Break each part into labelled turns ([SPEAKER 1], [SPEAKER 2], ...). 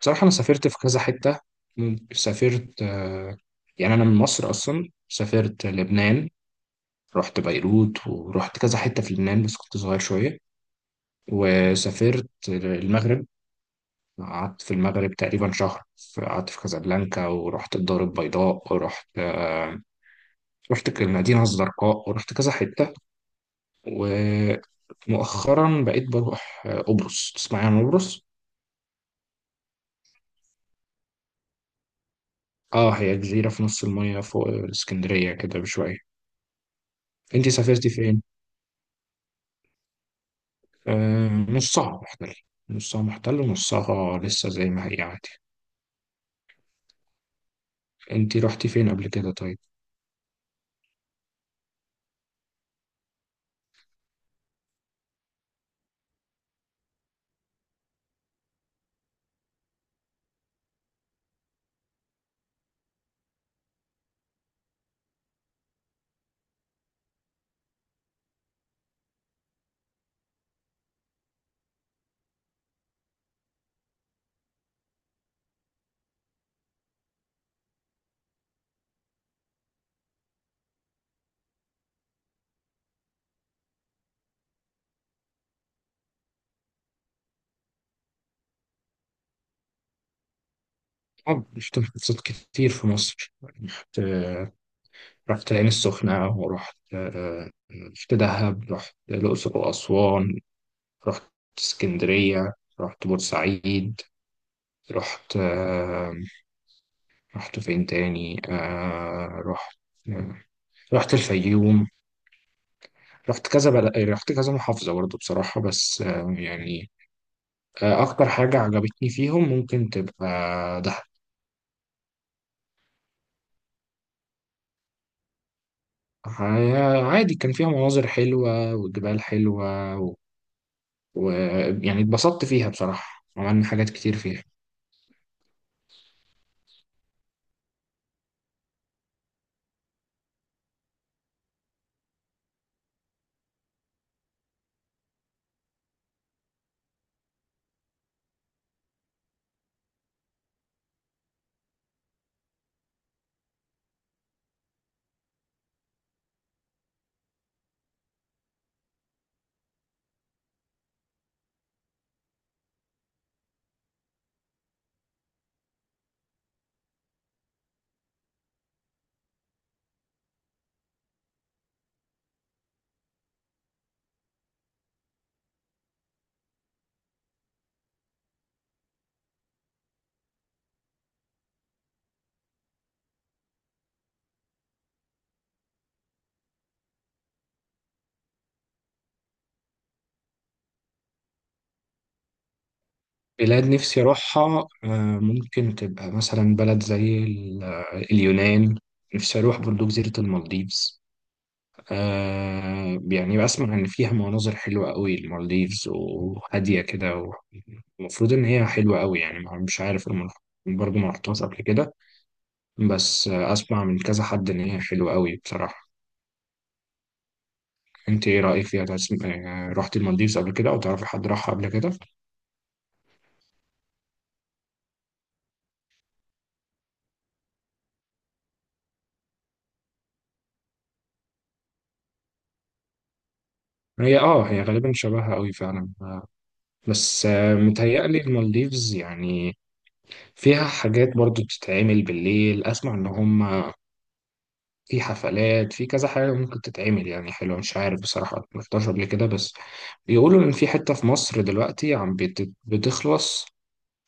[SPEAKER 1] بصراحة أنا سافرت في كذا حتة. سافرت يعني أنا من مصر أصلا. سافرت لبنان، رحت بيروت ورحت كذا حتة في لبنان بس كنت صغير شوية. وسافرت المغرب، قعدت في المغرب تقريبا شهر. قعدت في كازابلانكا ورحت الدار البيضاء ورحت رحت المدينة الزرقاء ورحت كذا حتة. ومؤخرا بقيت بروح قبرص. تسمعي عن قبرص؟ اه، هي جزيرة في نص المية فوق اسكندرية كده بشوية. انتي سافرتي فين؟ نصها محتل، نصها محتل ونصها لسه زي ما هي عادي. انتي رحتي فين قبل كده طيب؟ اه، رحت محافظات كتير في مصر. رحت رحت العين السخنة ورحت رحت دهب، رحت الأقصر وأسوان، رحت اسكندرية، رحت بورسعيد، رحت رحت فين تاني؟ آه، رحت الفيوم. رحت كذا محافظة برضه بصراحة، بس أكتر حاجة عجبتني فيهم ممكن تبقى دهب. عادي، كان فيها مناظر حلوة وجبال حلوة. ويعني يعني اتبسطت فيها بصراحة، عملنا حاجات كتير فيها. بلاد نفسي أروحها، ممكن تبقى مثلا بلد اليونان. نفسي أروح برضو جزيرة المالديفز. يعني بسمع إن فيها مناظر حلوة قوي المالديفز، وهادية كده المفروض إن هي حلوة قوي. يعني مش عارف، أنا ما- برضو ما رحتهاش قبل كده، بس اسمع من كذا حد ان هي حلوه قوي بصراحه. انت ايه رايك فيها؟ تسم... آه، رحت المالديفز قبل كده او تعرفي حد راحها قبل كده؟ هي اه، هي غالبا شبهها قوي فعلا، بس متهيألي المالديفز يعني فيها حاجات برضو بتتعمل بالليل. اسمع ان هم في حفلات، في كذا حاجه ممكن تتعمل يعني حلوه. مش عارف بصراحه، ما رحتهاش قبل كده، بس بيقولوا ان في حته في مصر دلوقتي بتخلص،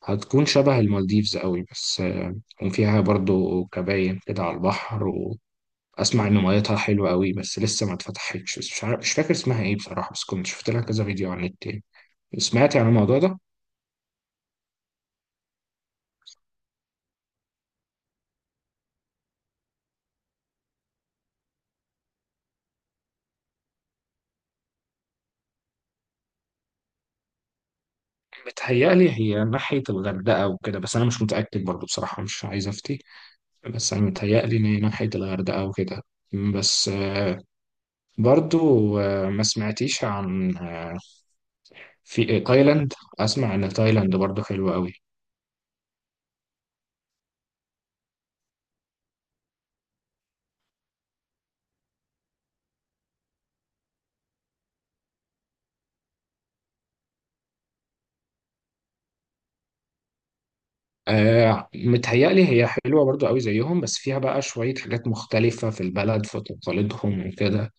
[SPEAKER 1] هتكون شبه المالديفز قوي. بس آه، وفيها برضو كباين كده على البحر. اسمع ان ميتها حلوه قوي بس لسه ما اتفتحتش، بس مش عارف، مش فاكر اسمها ايه بصراحه، بس كنت شفت لها كذا فيديو على النت يعني. سمعت عن الموضوع ده؟ بتهيألي هي ناحيه الغردقه وكده، بس انا مش متاكد برضو بصراحه، مش عايز افتي. بس انا متهيألي ان هي ناحيه الغردقه وكده. بس آه، برضو آه، ما سمعتيش عن في تايلاند؟ اسمع ان تايلاند برضو حلوه قوي. آه، متهيألي هي حلوة برضو قوي زيهم، بس فيها بقى شوية حاجات مختلفة في البلد، في تقاليدهم وكده.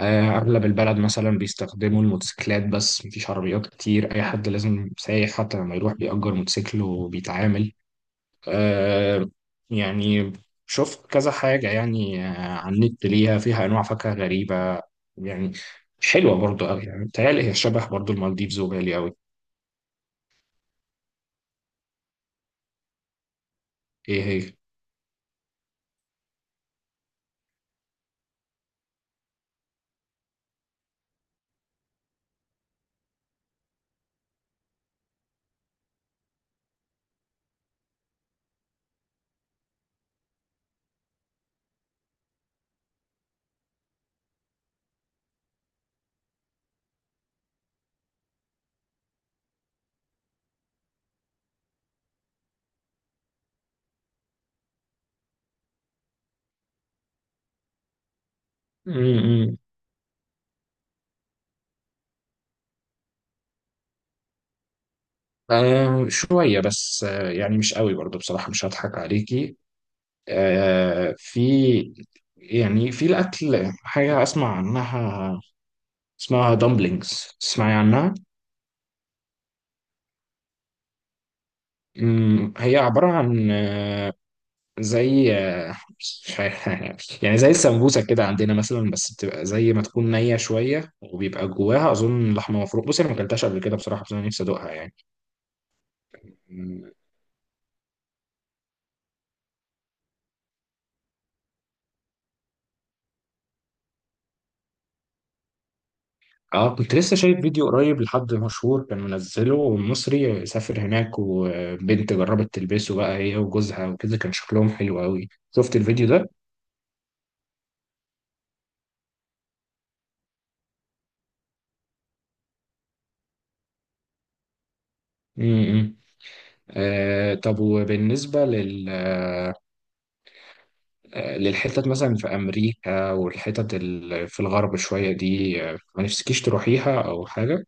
[SPEAKER 1] آه، أغلب البلد مثلا بيستخدموا الموتوسيكلات، بس مفيش عربيات كتير. أي حد لازم سايح حتى لما يروح بيأجر موتوسيكل وبيتعامل. آه، يعني شفت كذا حاجة يعني على النت ليها، فيها أنواع فاكهة غريبة يعني، حلوة برضو أوي. يعني بتهيألي هي شبه برضو المالديفز وبالي أوي. إيه هي؟ م- م. آه شوية، بس آه يعني مش قوي برضو بصراحة، مش هضحك عليكي. آه، في يعني في الأكل حاجة أسمع عنها اسمها dumplings، تسمعي عنها؟ هي عبارة عن آه، زي آه، مش عارف يعني زي السمبوسة كده عندنا مثلا، بس بتبقى زي ما تكون نية شوية، وبيبقى جواها أظن لحمة مفرومة. بصي أنا ما أكلتهاش قبل كده بصراحة، بس أنا نفسي أدوقها يعني. اه كنت لسه شايف فيديو قريب لحد مشهور كان منزله، مصري سافر هناك وبنت جربت تلبسه بقى هي وجوزها وكده، كان شكلهم حلو قوي. شفت الفيديو ده؟ امم، آه طب وبالنسبة لل آه للحتت مثلا في أمريكا في الغرب شوية دي، ما نفسكيش تروحيها أو حاجة؟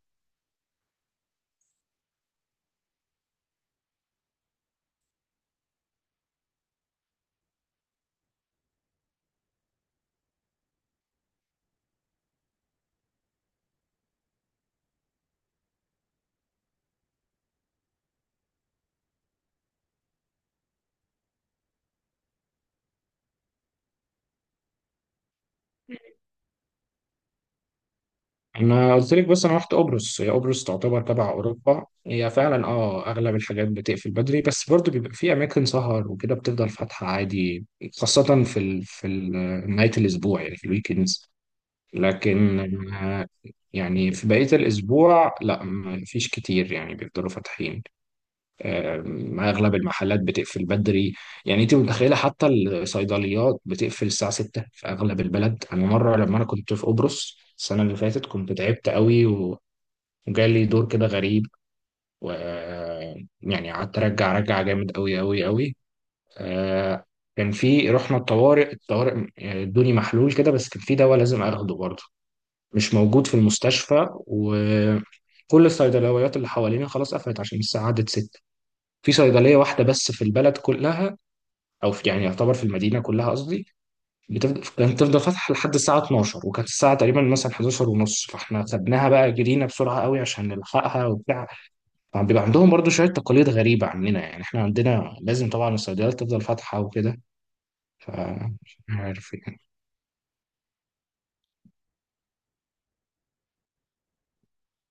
[SPEAKER 1] انا قلت لك بس انا رحت قبرص، هي قبرص تعتبر تبع اوروبا. هي فعلا اه اغلب الحاجات بتقفل بدري، بس برضو بيبقى في اماكن سهر وكده بتفضل فاتحه عادي، خاصه في نهايه الاسبوع يعني في الويكندز. لكن آه، يعني في بقيه الاسبوع لا، ما فيش كتير يعني بيفضلوا فاتحين. اغلب المحلات بتقفل بدري. يعني انت متخيله حتى الصيدليات بتقفل الساعه 6 في اغلب البلد؟ انا مره لما انا كنت في قبرص السنه اللي فاتت كنت تعبت قوي وجالي دور كده غريب، و يعني قعدت ارجع ارجع جامد قوي قوي قوي. آه، كان في، رحنا الطوارئ، يعني ادوني محلول كده، بس كان في دواء لازم اخده برضه مش موجود في المستشفى، وكل الصيدليات اللي حوالينا خلاص قفلت عشان الساعه عدت 6. في صيدلية واحدة بس في البلد كلها، أو في يعني يعتبر في المدينة كلها قصدي، كانت تفضل فاتحة لحد الساعة 12، وكانت الساعة تقريبا مثلا 11 ونص، فاحنا خدناها بقى جرينا بسرعة قوي عشان نلحقها وبتاع. طبعاً بيبقى عندهم برضو شوية تقاليد غريبة عننا، يعني احنا عندنا لازم طبعا الصيدليات تفضل فاتحة وكده. فمش عارف يعني،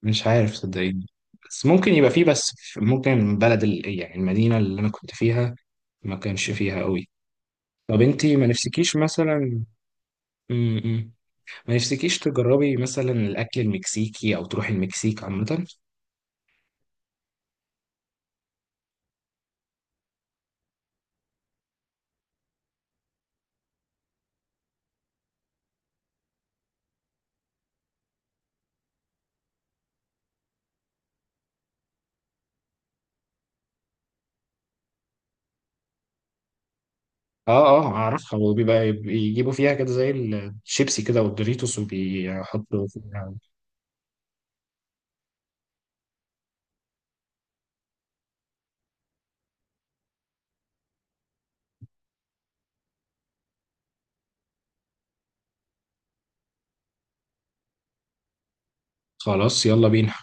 [SPEAKER 1] مش عارف صدقيني. بس ممكن يبقى فيه، ممكن يعني المدينة اللي أنا كنت فيها ما كانش فيها قوي. طب انتي ما نفسكيش مثلا م- م. ما نفسكيش تجربي مثلا الاكل المكسيكي او تروحي المكسيك عامه؟ اه اه اعرفها، وبيبقى بيجيبوا فيها كده زي الشيبسي كده والدوريتوس وبيحطوا فيها. خلاص يلا بينا.